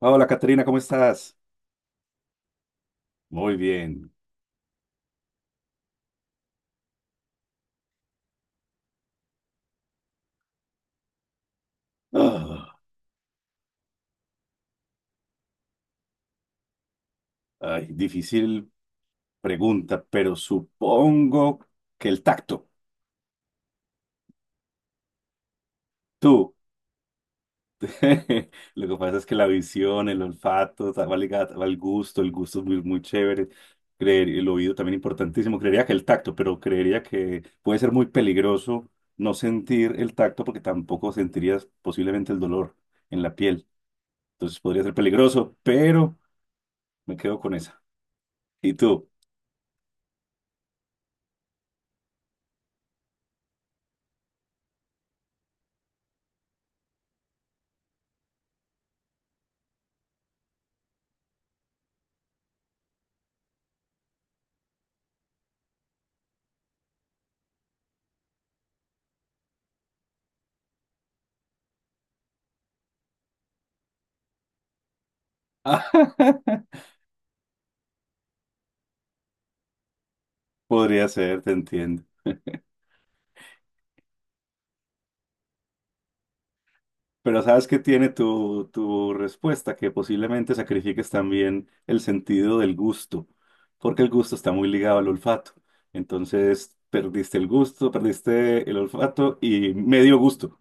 Hola, Caterina, ¿cómo estás? Muy bien. Ah, ay, difícil pregunta, pero supongo que el tacto. Tú. Lo que pasa es que la visión, el olfato, va ligada al gusto, el gusto es muy, muy chévere. Creer, el oído también importantísimo. Creería que el tacto, pero creería que puede ser muy peligroso no sentir el tacto porque tampoco sentirías posiblemente el dolor en la piel. Entonces podría ser peligroso, pero me quedo con esa. ¿Y tú? Podría ser, te entiendo. Pero ¿sabes qué tiene tu respuesta? Que posiblemente sacrifiques también el sentido del gusto, porque el gusto está muy ligado al olfato. Entonces, perdiste el gusto, perdiste el olfato y medio gusto.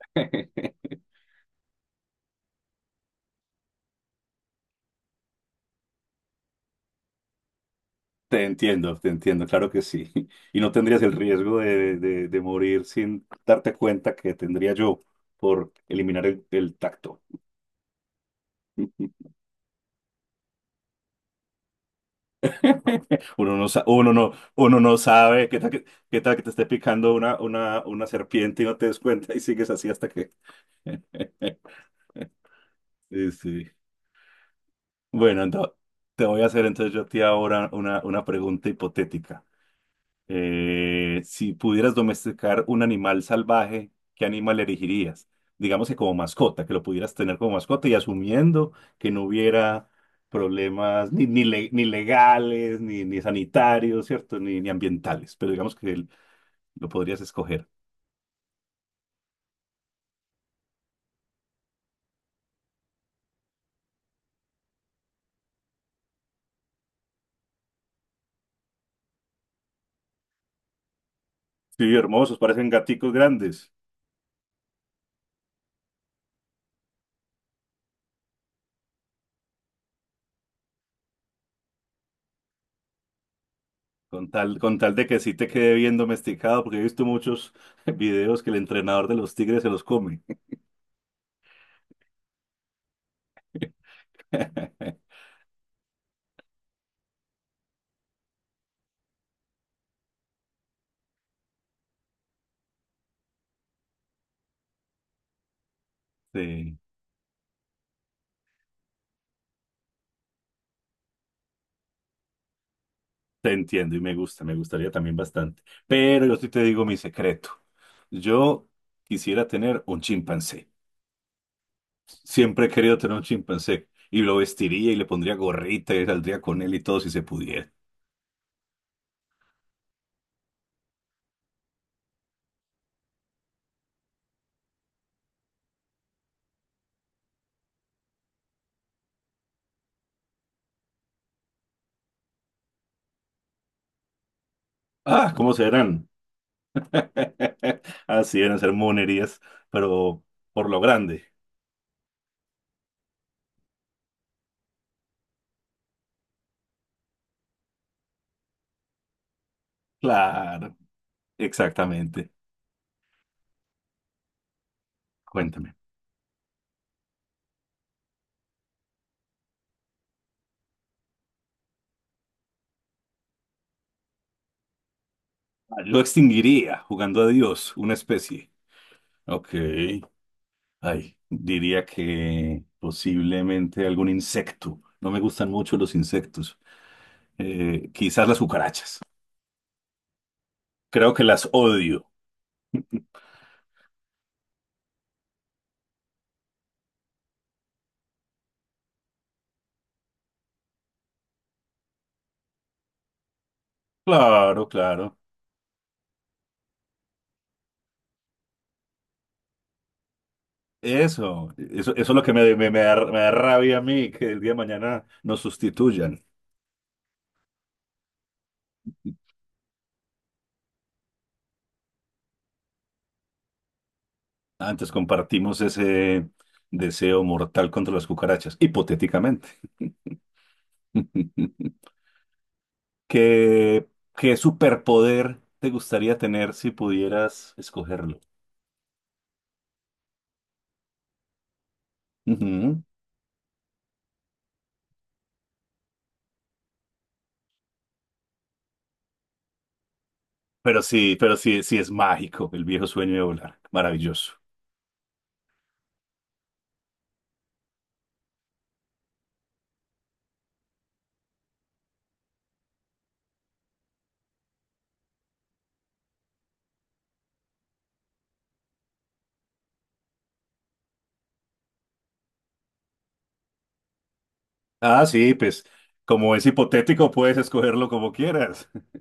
Te entiendo, claro que sí. Y no tendrías el riesgo de morir sin darte cuenta que tendría yo por eliminar el tacto. Uno no, sa- uno no sabe qué tal que te esté picando una serpiente y no te des cuenta y sigues así hasta que... Sí, sí. Bueno, te voy a hacer entonces yo a ti ahora una pregunta hipotética. Si pudieras domesticar un animal salvaje, ¿qué animal elegirías? Digamos que como mascota, que lo pudieras tener como mascota y asumiendo que no hubiera problemas ni legales, ni sanitarios, ¿cierto? Ni ambientales, pero digamos que lo podrías escoger. Sí, hermosos, parecen gaticos grandes. Con tal de que sí te quede bien domesticado, porque he visto muchos videos que el entrenador de los tigres se los come. Sí, te entiendo y me gusta, me gustaría también bastante. Pero yo sí te digo mi secreto. Yo quisiera tener un chimpancé. Siempre he querido tener un chimpancé y lo vestiría y le pondría gorrita y saldría con él y todo si se pudiera. Ah, ¿cómo serán? Así eran ser monerías, pero por lo grande. Claro, exactamente. Cuéntame. Lo extinguiría jugando a Dios, una especie. Ok. Ay, diría que posiblemente algún insecto. No me gustan mucho los insectos. Quizás las cucarachas. Creo que las odio. Claro, claro. Eso es lo que me da rabia a mí, que el día de mañana nos sustituyan. Antes compartimos ese deseo mortal contra las cucarachas, hipotéticamente. ¿Qué, qué superpoder te gustaría tener si pudieras escogerlo? Ujú. Pero sí, sí es mágico el viejo sueño de volar. Maravilloso. Ah, sí, pues como es hipotético, puedes escogerlo como quieras.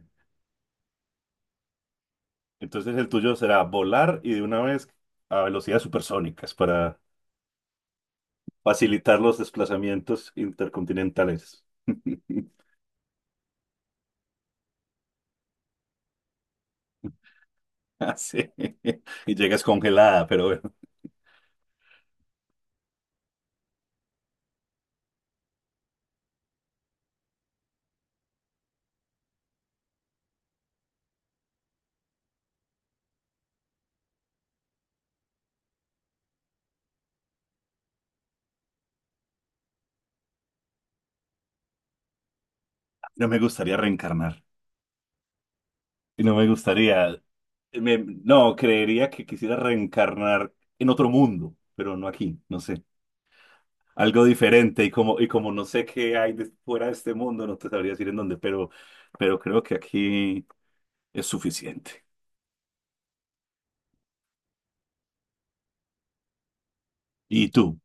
Entonces el tuyo será volar y de una vez a velocidades supersónicas para facilitar los desplazamientos intercontinentales. Ah, sí. Y llegas congelada, pero bueno, no me gustaría reencarnar. Y no me gustaría. me- no, creería que quisiera reencarnar en otro mundo, pero no aquí, no sé. Algo diferente y como no sé qué hay fuera de este mundo, no te sabría decir en dónde, pero creo que aquí es suficiente. ¿Y tú?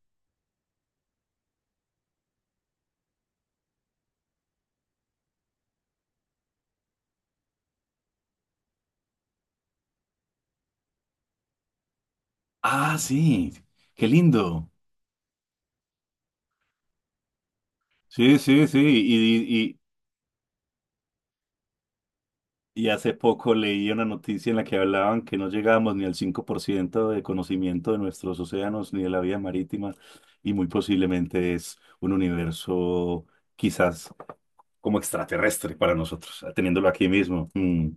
Ah, sí, qué lindo. Sí, sí, sí. Y hace poco leí una noticia en la que hablaban que no llegábamos ni al 5% de conocimiento de nuestros océanos ni de la vida marítima y muy posiblemente es un universo quizás, como extraterrestre para nosotros, teniéndolo aquí mismo. Mm.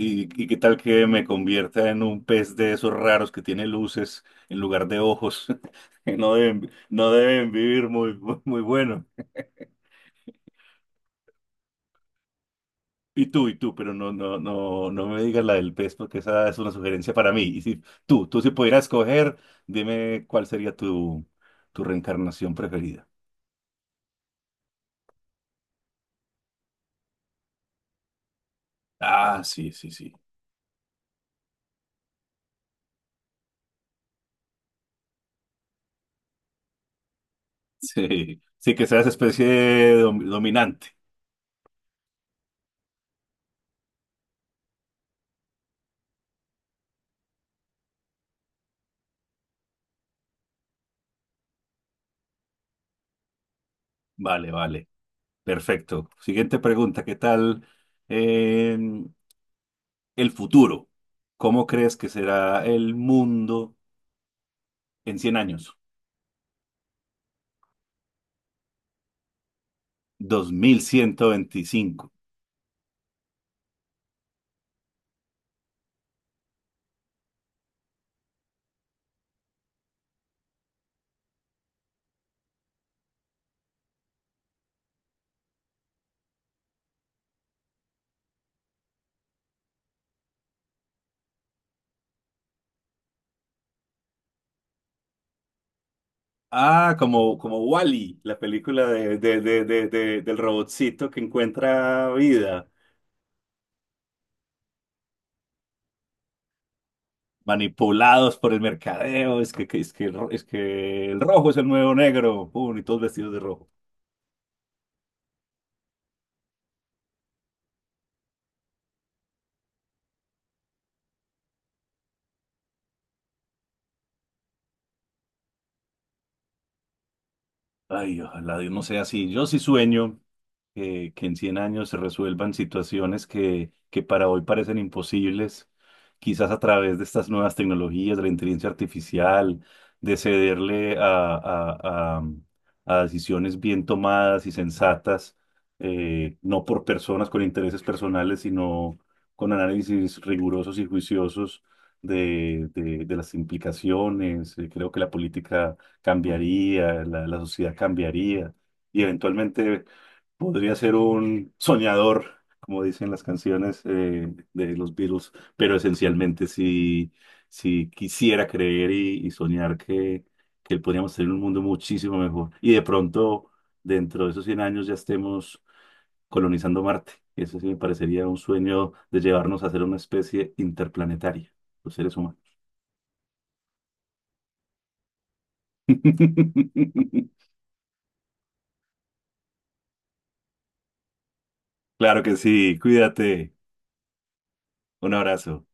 ¿Y qué tal que me convierta en un pez de esos raros que tiene luces en lugar de ojos? Que no deben, no deben vivir muy, muy bueno. Y tú, pero no, no, no, no me digas la del pez porque esa es una sugerencia para mí. Y si tú si pudieras coger, dime cuál sería tu reencarnación preferida. Ah, sí, sí, sí. Sí, sí, que seas especie de dominante. Vale, vale. Perfecto. Siguiente pregunta, ¿qué tal eh, el futuro? ¿Cómo crees que será el mundo en 100 años? 2125. Ah, como, como Wall-E, la película del robotcito que encuentra vida, manipulados por el mercadeo, es que, es que el rojo es el nuevo negro, pum, y todos vestidos de rojo. Ay, ojalá Dios no sea así. Yo sí sueño que en 100 años se resuelvan situaciones que para hoy parecen imposibles, quizás a través de estas nuevas tecnologías, de la inteligencia artificial, de cederle a decisiones bien tomadas y sensatas, no por personas con intereses personales, sino con análisis rigurosos y juiciosos de las implicaciones. Creo que la política cambiaría, la sociedad cambiaría y eventualmente podría ser un soñador, como dicen las canciones de los Beatles, pero esencialmente si quisiera creer y soñar que podríamos tener un mundo muchísimo mejor y de pronto dentro de esos 100 años ya estemos colonizando Marte. Eso sí me parecería un sueño de llevarnos a ser una especie interplanetaria, los seres humanos. Claro que sí, cuídate. Un abrazo.